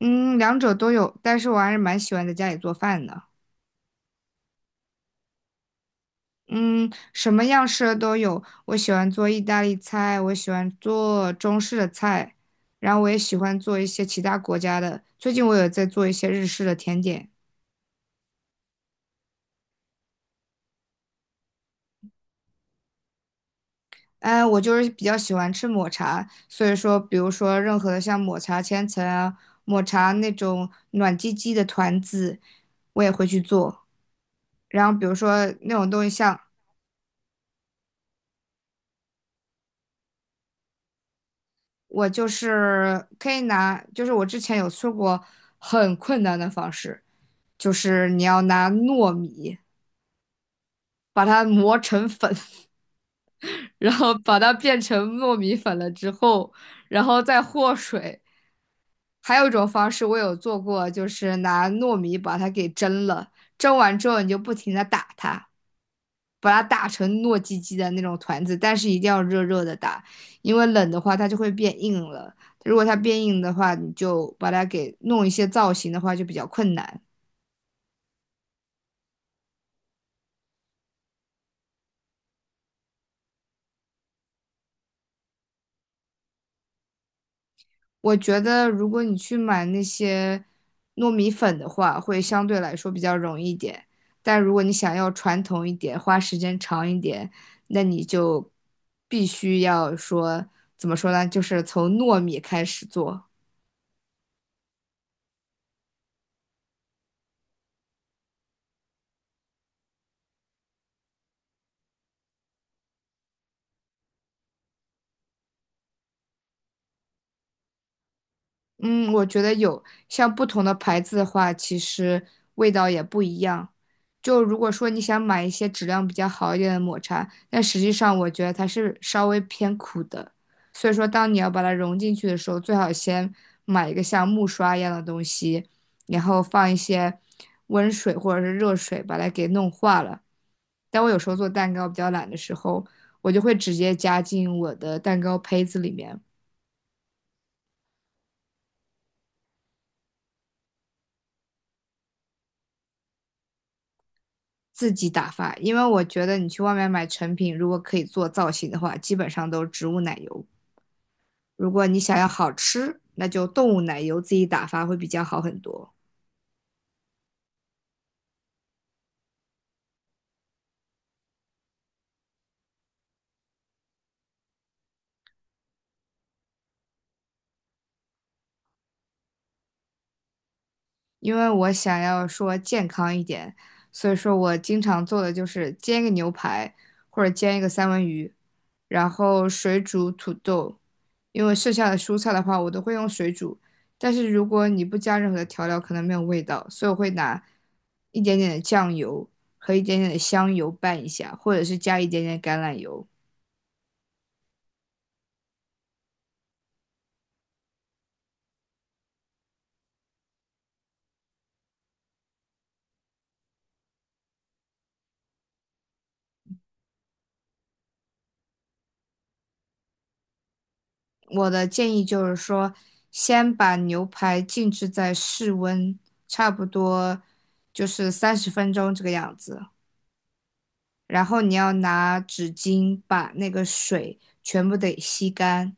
嗯，两者都有，但是我还是蛮喜欢在家里做饭的。嗯，什么样式的都有，我喜欢做意大利菜，我喜欢做中式的菜，然后我也喜欢做一些其他国家的。最近我有在做一些日式的甜点。哎，我就是比较喜欢吃抹茶，所以说，比如说任何的像抹茶千层啊，抹茶那种暖唧唧的团子，我也会去做。然后比如说那种东西像我就是可以拿，就是我之前有做过很困难的方式，就是你要拿糯米把它磨成粉，然后把它变成糯米粉了之后，然后再和水。还有一种方式我有做过，就是拿糯米把它给蒸了，蒸完之后你就不停的打它。把它打成糯叽叽的那种团子，但是一定要热热的打，因为冷的话它就会变硬了。如果它变硬的话，你就把它给弄一些造型的话就比较困难。我觉得如果你去买那些糯米粉的话，会相对来说比较容易一点。但如果你想要传统一点，花时间长一点，那你就必须要说，怎么说呢？就是从糯米开始做。嗯，我觉得有，像不同的牌子的话，其实味道也不一样。就如果说你想买一些质量比较好一点的抹茶，但实际上我觉得它是稍微偏苦的，所以说当你要把它融进去的时候，最好先买一个像木刷一样的东西，然后放一些温水或者是热水把它给弄化了。但我有时候做蛋糕比较懒的时候，我就会直接加进我的蛋糕胚子里面。自己打发，因为我觉得你去外面买成品，如果可以做造型的话，基本上都是植物奶油。如果你想要好吃，那就动物奶油自己打发会比较好很多。因为我想要说健康一点，所以说我经常做的就是煎一个牛排或者煎一个三文鱼，然后水煮土豆。因为剩下的蔬菜的话，我都会用水煮，但是如果你不加任何的调料，可能没有味道，所以我会拿一点点的酱油和一点点的香油拌一下，或者是加一点点橄榄油。我的建议就是说，先把牛排静置在室温，差不多就是三十分钟这个样子。然后你要拿纸巾把那个水全部得吸干，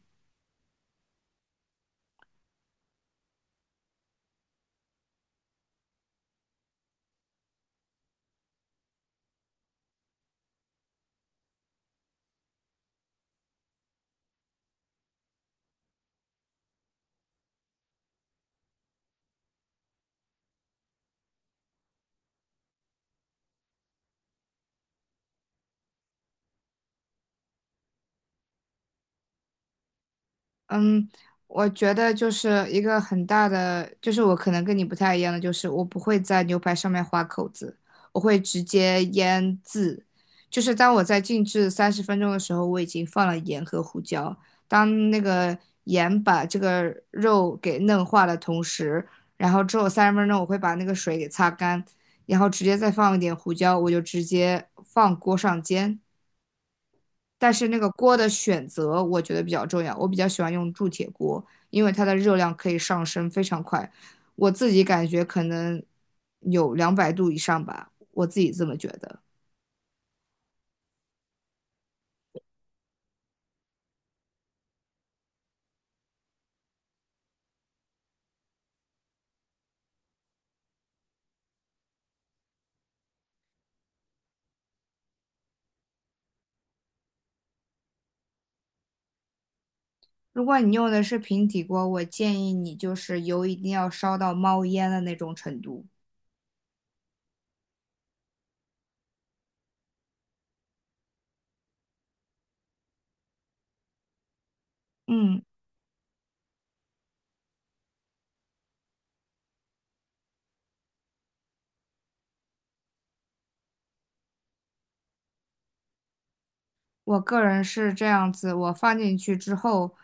嗯，我觉得就是一个很大的，就是我可能跟你不太一样的，就是我不会在牛排上面划口子，我会直接腌制。就是当我在静置三十分钟的时候，我已经放了盐和胡椒。当那个盐把这个肉给嫩化的同时，然后之后三十分钟我会把那个水给擦干，然后直接再放一点胡椒，我就直接放锅上煎。但是那个锅的选择我觉得比较重要，我比较喜欢用铸铁锅，因为它的热量可以上升非常快，我自己感觉可能有200度以上吧，我自己这么觉得。如果你用的是平底锅，我建议你就是油一定要烧到冒烟的那种程度。嗯。我个人是这样子，我放进去之后，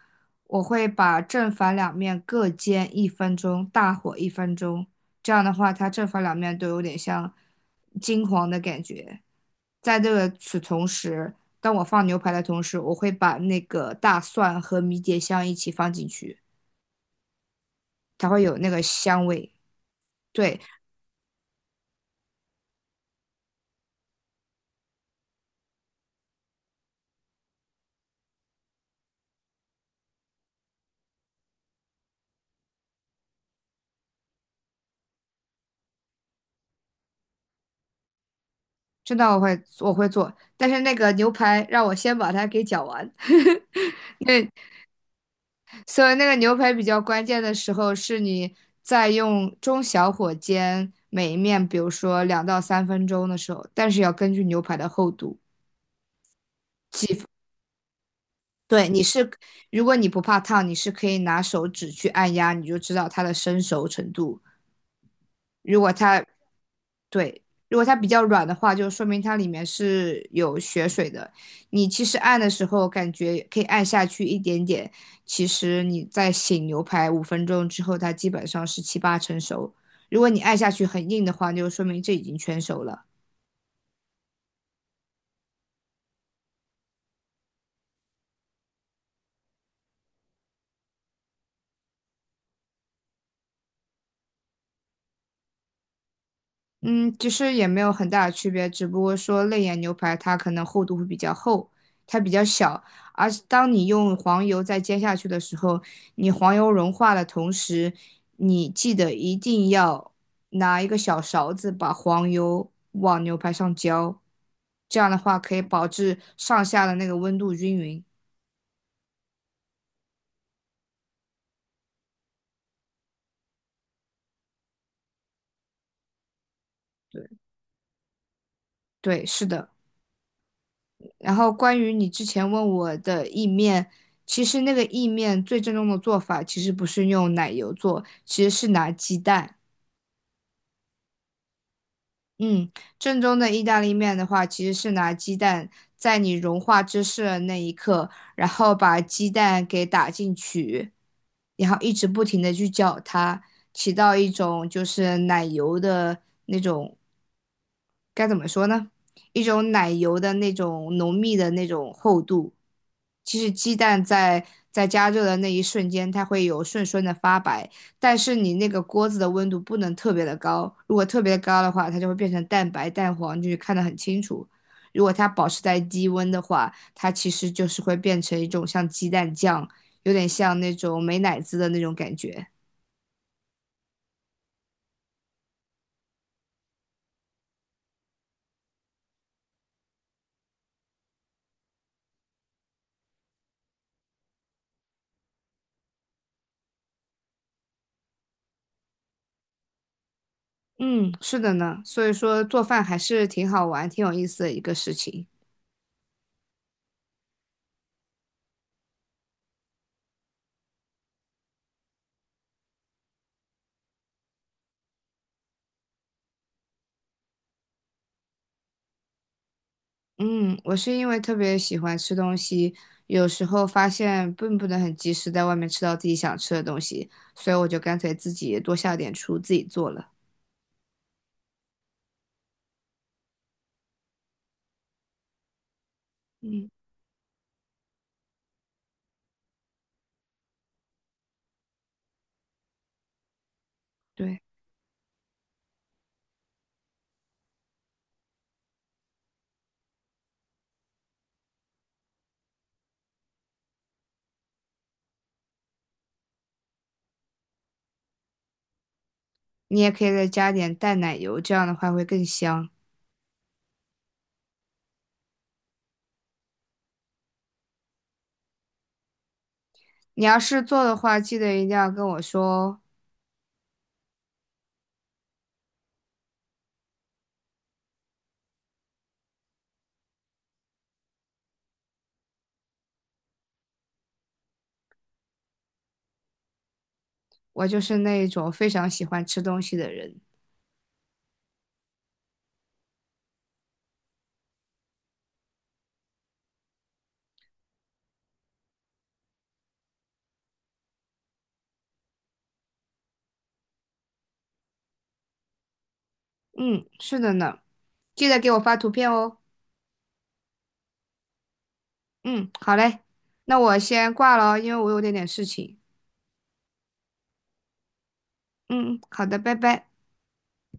我会把正反两面各煎一分钟，大火一分钟。这样的话，它正反两面都有点像金黄的感觉。在这个此同时，当我放牛排的同时，我会把那个大蒜和迷迭香一起放进去，它会有那个香味。对，这道我会做，但是那个牛排让我先把它给搅完。那所以那个牛排比较关键的时候，是你在用中小火煎每一面，比如说2到3分钟的时候，但是要根据牛排的厚度。对，你是，如果你不怕烫，你是可以拿手指去按压，你就知道它的生熟程度。如果它对，如果它比较软的话，就说明它里面是有血水的。你其实按的时候，感觉可以按下去一点点，其实你在醒牛排5分钟之后，它基本上是七八成熟。如果你按下去很硬的话，就说明这已经全熟了。嗯，其实也没有很大的区别，只不过说肋眼牛排它可能厚度会比较厚，它比较小，而是当你用黄油再煎下去的时候，你黄油融化的同时，你记得一定要拿一个小勺子把黄油往牛排上浇，这样的话可以保质上下的那个温度均匀。对，是的。然后关于你之前问我的意面，其实那个意面最正宗的做法其实不是用奶油做，其实是拿鸡蛋。嗯，正宗的意大利面的话，其实是拿鸡蛋在你融化芝士的那一刻，然后把鸡蛋给打进去，然后一直不停的去搅它，起到一种就是奶油的那种，该怎么说呢？一种奶油的那种浓密的那种厚度。其实鸡蛋在加热的那一瞬间，它会有顺顺的发白，但是你那个锅子的温度不能特别的高，如果特别高的话，它就会变成蛋白、蛋黄，就是看得很清楚。如果它保持在低温的话，它其实就是会变成一种像鸡蛋酱，有点像那种美乃滋的那种感觉。嗯，是的呢，所以说做饭还是挺好玩、挺有意思的一个事情。嗯，我是因为特别喜欢吃东西，有时候发现并不能很及时在外面吃到自己想吃的东西，所以我就干脆自己多下点厨，自己做了。嗯。对，你也可以再加点淡奶油，这样的话会更香。你要是做的话，记得一定要跟我说哦，我就是那种非常喜欢吃东西的人。嗯，是的呢，记得给我发图片哦。嗯，好嘞，那我先挂了哦，因为我有点点事情。嗯，好的，拜拜。